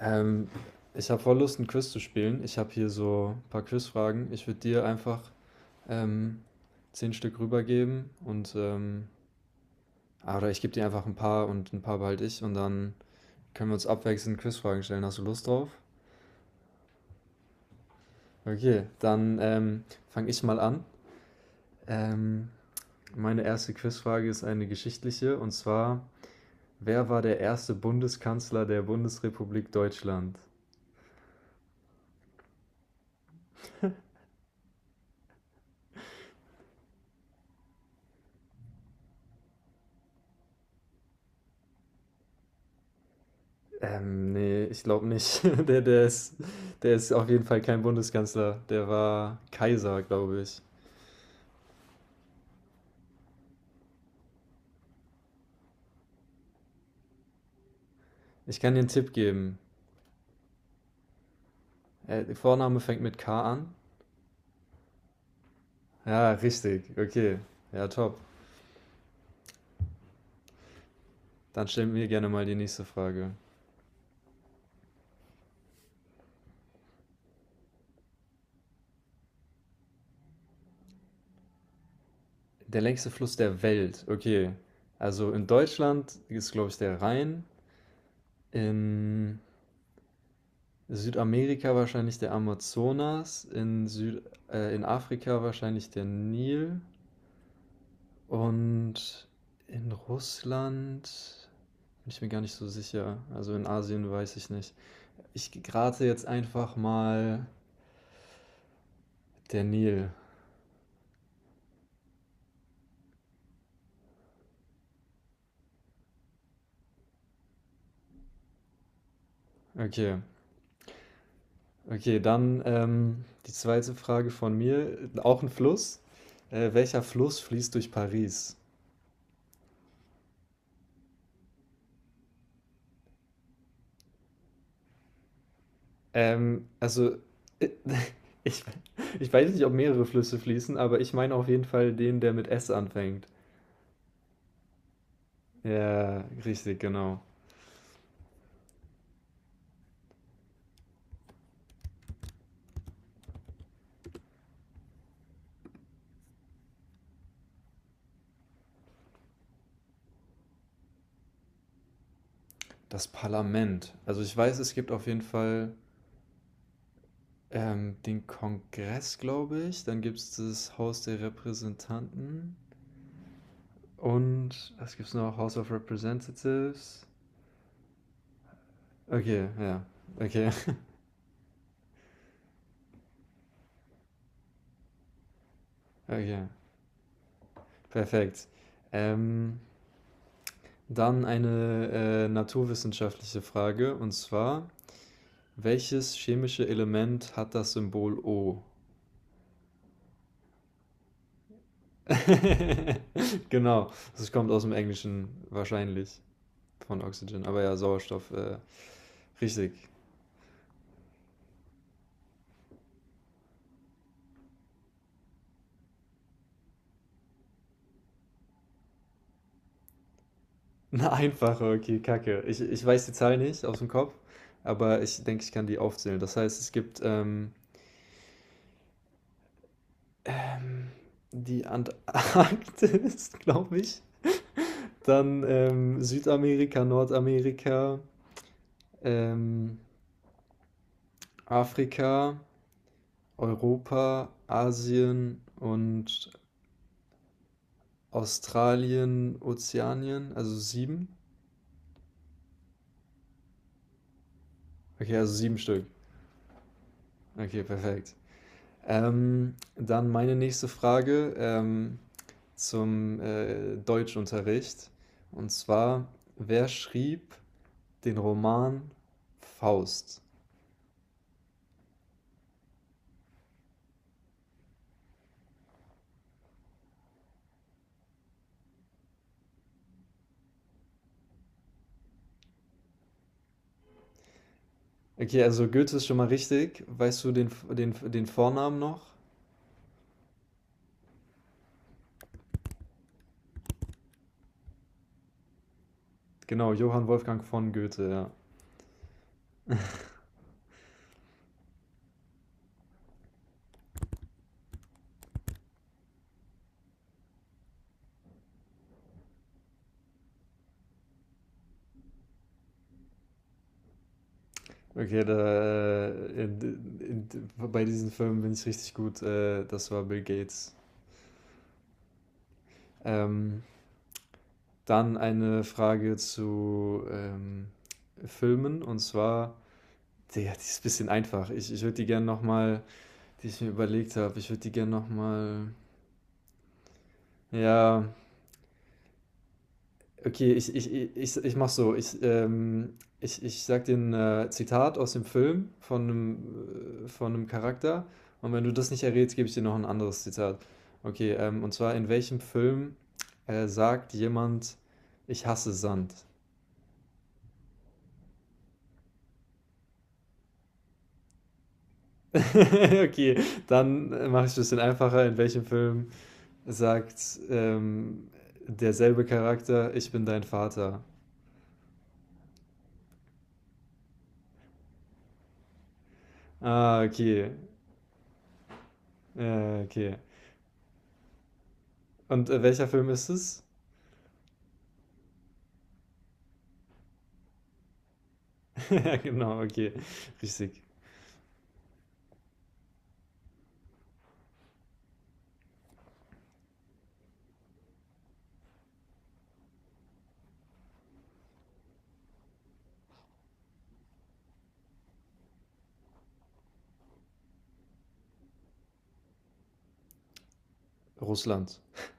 Ähm, Ich habe voll Lust, 'n Quiz zu spielen. Ich habe hier so ein paar Quizfragen. Ich würde dir einfach, ähm, 10 Stück rübergeben und oder ich gebe dir einfach ein paar und ein paar behalte ich und dann können wir uns abwechselnd Quizfragen stellen. Hast du Lust drauf? Okay, dann fange ich mal an. Ähm, Meine erste Quizfrage ist eine geschichtliche, und zwar: Wer war der erste Bundeskanzler der Bundesrepublik Deutschland? Ne, ich glaube nicht. Der ist auf jeden Fall kein Bundeskanzler. Der war Kaiser, glaube ich. Ich kann dir einen Tipp geben. Der Vorname fängt mit K an. Ja, richtig. Okay. Ja, top. Dann stell mir gerne mal die nächste Frage. Der längste Fluss der Welt. Okay. Also, in Deutschland ist, glaube ich, der Rhein. In Südamerika wahrscheinlich der Amazonas. In Afrika wahrscheinlich der Nil. Und in Russland bin ich mir gar nicht so sicher. Also in Asien weiß ich nicht. Ich rate jetzt einfach mal der Nil. Okay. Okay, dann die zweite Frage von mir. Auch ein Fluss. Welcher Fluss fließt durch Paris? Also, äh, ich, ich weiß nicht, ob mehrere Flüsse fließen, aber ich meine auf jeden Fall den, der mit S anfängt. Ja, richtig, genau. Das Parlament. Also ich weiß, es gibt auf jeden Fall den Kongress, glaube ich. Dann gibt es das Haus der Repräsentanten. Und was gibt es noch? House of Representatives. Okay, ja. Okay, okay. Perfekt. Ähm, Dann eine naturwissenschaftliche Frage. Und zwar, welches chemische Element hat das Symbol O? Genau, das kommt aus dem Englischen wahrscheinlich. Von Oxygen. Aber ja, Sauerstoff, richtig. Eine einfache, okay, Kacke. Ich weiß die Zahl nicht aus dem Kopf, aber ich denke, ich kann die aufzählen. Das heißt, es gibt die Antarktis, glaube ich. Dann Südamerika, Nordamerika, ähm, Afrika, Europa, Asien und Australien, Ozeanien. Also sieben. Okay, also sieben Stück. Okay, perfekt. Dann meine nächste Frage zum Deutschunterricht. Und zwar, wer schrieb den Roman Faust? Okay, also Goethe ist schon mal richtig. Weißt du den Vornamen noch? Genau, Johann Wolfgang von Goethe, ja. Okay, bei diesen Filmen bin ich richtig gut. Das war Bill Gates. Ähm, Dann eine Frage zu Filmen und zwar ja, die ist ein bisschen einfach. Ich würde die gerne die ich mir überlegt habe, ich würde die gerne nochmal. Ja, okay, ich mach so. Ich sag dir ein Zitat aus dem Film von von einem Charakter. Und wenn du das nicht errätst, gebe ich dir noch ein anderes Zitat. Okay, und zwar: In welchem Film sagt jemand, ich hasse Sand? Okay, dann mache ich es ein bisschen einfacher. In welchem Film sagt derselbe Charakter, ich bin dein Vater. Ah, okay. Okay. Und welcher Film ist es? Ja, genau, okay. Richtig. Russland.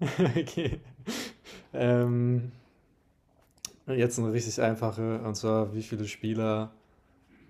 Okay. Ähm, Jetzt eine richtig einfache, und zwar, wie viele Spieler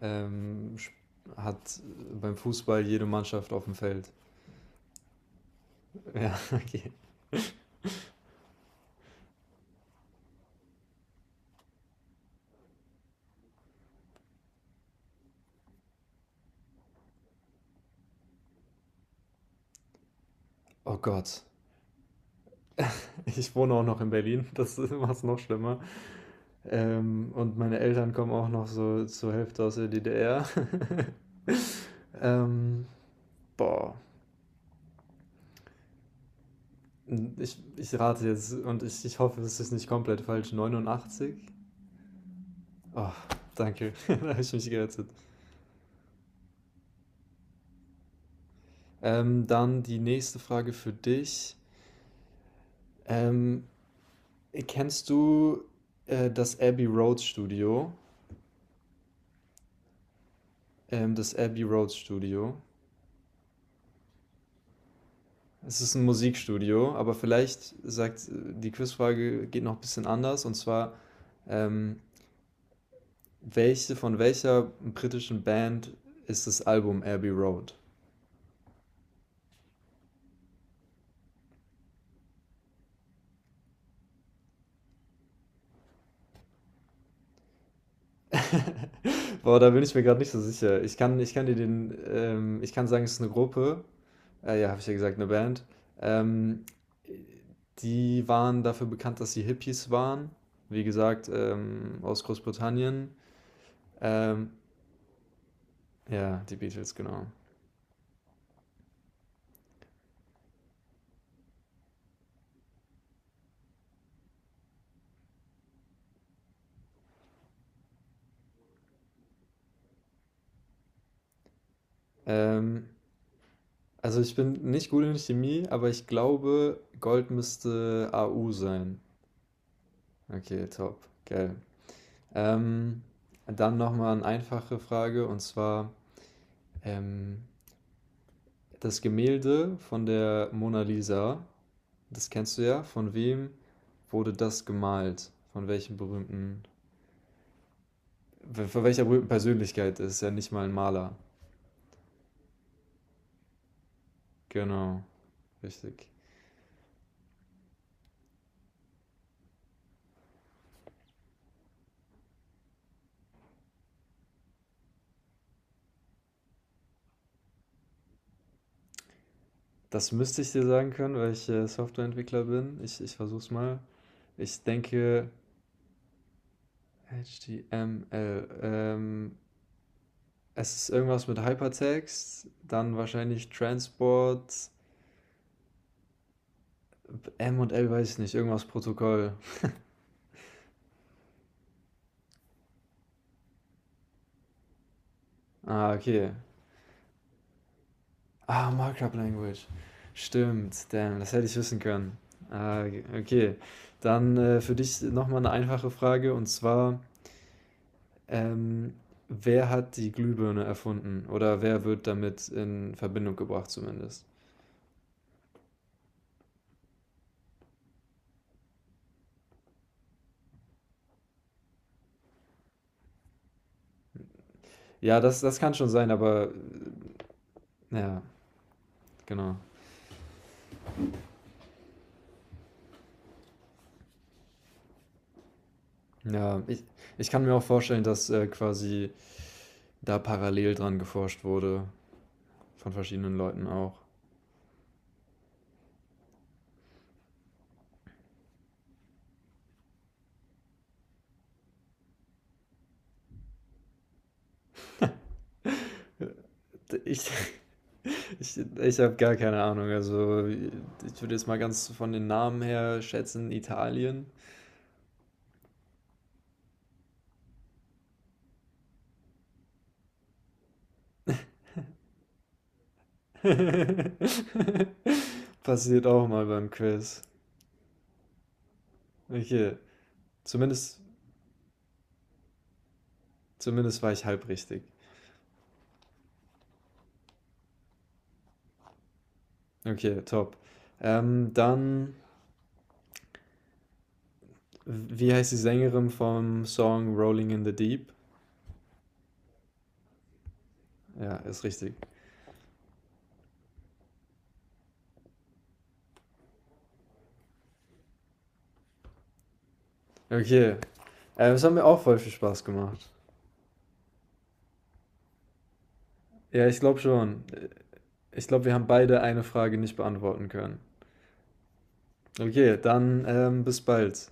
ähm, hat beim Fußball jede Mannschaft auf dem Feld? Ja, okay. Oh Gott. Ich wohne auch noch in Berlin, das macht es noch schlimmer. Und meine Eltern kommen auch noch so zur Hälfte aus der DDR. ähm, Boah, ich rate jetzt und ich hoffe, es ist nicht komplett falsch. 89? Oh, danke, da habe ich mich gerettet. Dann die nächste Frage für dich. Ähm, Kennst du das Abbey Road Studio? Das Abbey Road Studio. Es ist ein Musikstudio, aber vielleicht sagt die Quizfrage geht noch ein bisschen anders. Und zwar, Ähm, von welcher britischen Band ist das Album Abbey Road? Boah, da bin ich mir gerade nicht so sicher. Ich kann dir ich kann sagen, es ist eine Gruppe. Ja, habe ich ja gesagt, eine Band. Ähm, Die waren dafür bekannt, dass sie Hippies waren. Wie gesagt, aus Großbritannien. Ähm, ja, die Beatles, genau. Ähm, also ich bin nicht gut in Chemie, aber ich glaube, Gold müsste AU sein. Okay, top. Geil. Ähm, Dann nochmal eine einfache Frage, und zwar ähm, das Gemälde von der Mona Lisa, das kennst du ja, von wem wurde das gemalt? Von welcher berühmten Persönlichkeit? Das ist ja nicht mal ein Maler. Genau, richtig. Das müsste ich dir sagen können, weil ich Softwareentwickler bin. Ich versuch's mal. Ich denke, HTML. Es ist irgendwas mit Hypertext, dann wahrscheinlich Transport, M und L weiß ich nicht, irgendwas Protokoll. Ah, okay. Ah, Markup Language. Stimmt, damn, das hätte ich wissen können. Ah, okay. Dann für dich nochmal eine einfache Frage, und zwar, ähm, wer hat die Glühbirne erfunden oder wer wird damit in Verbindung gebracht zumindest? Ja, das kann schon sein, aber ja, genau. Ja, ich kann mir auch vorstellen, dass quasi da parallel dran geforscht wurde von verschiedenen Leuten auch. Ich, ich habe gar keine Ahnung. Also, ich würde jetzt mal ganz von den Namen her schätzen, Italien. Passiert auch mal beim Quiz. Okay, zumindest, zumindest war ich halb richtig. Okay, top. Dann, wie heißt die Sängerin vom Song Rolling in the Deep? Ja, ist richtig. Okay, es hat mir auch voll viel Spaß gemacht. Ja, ich glaube schon. Ich glaube, wir haben beide eine Frage nicht beantworten können. Okay, dann bis bald.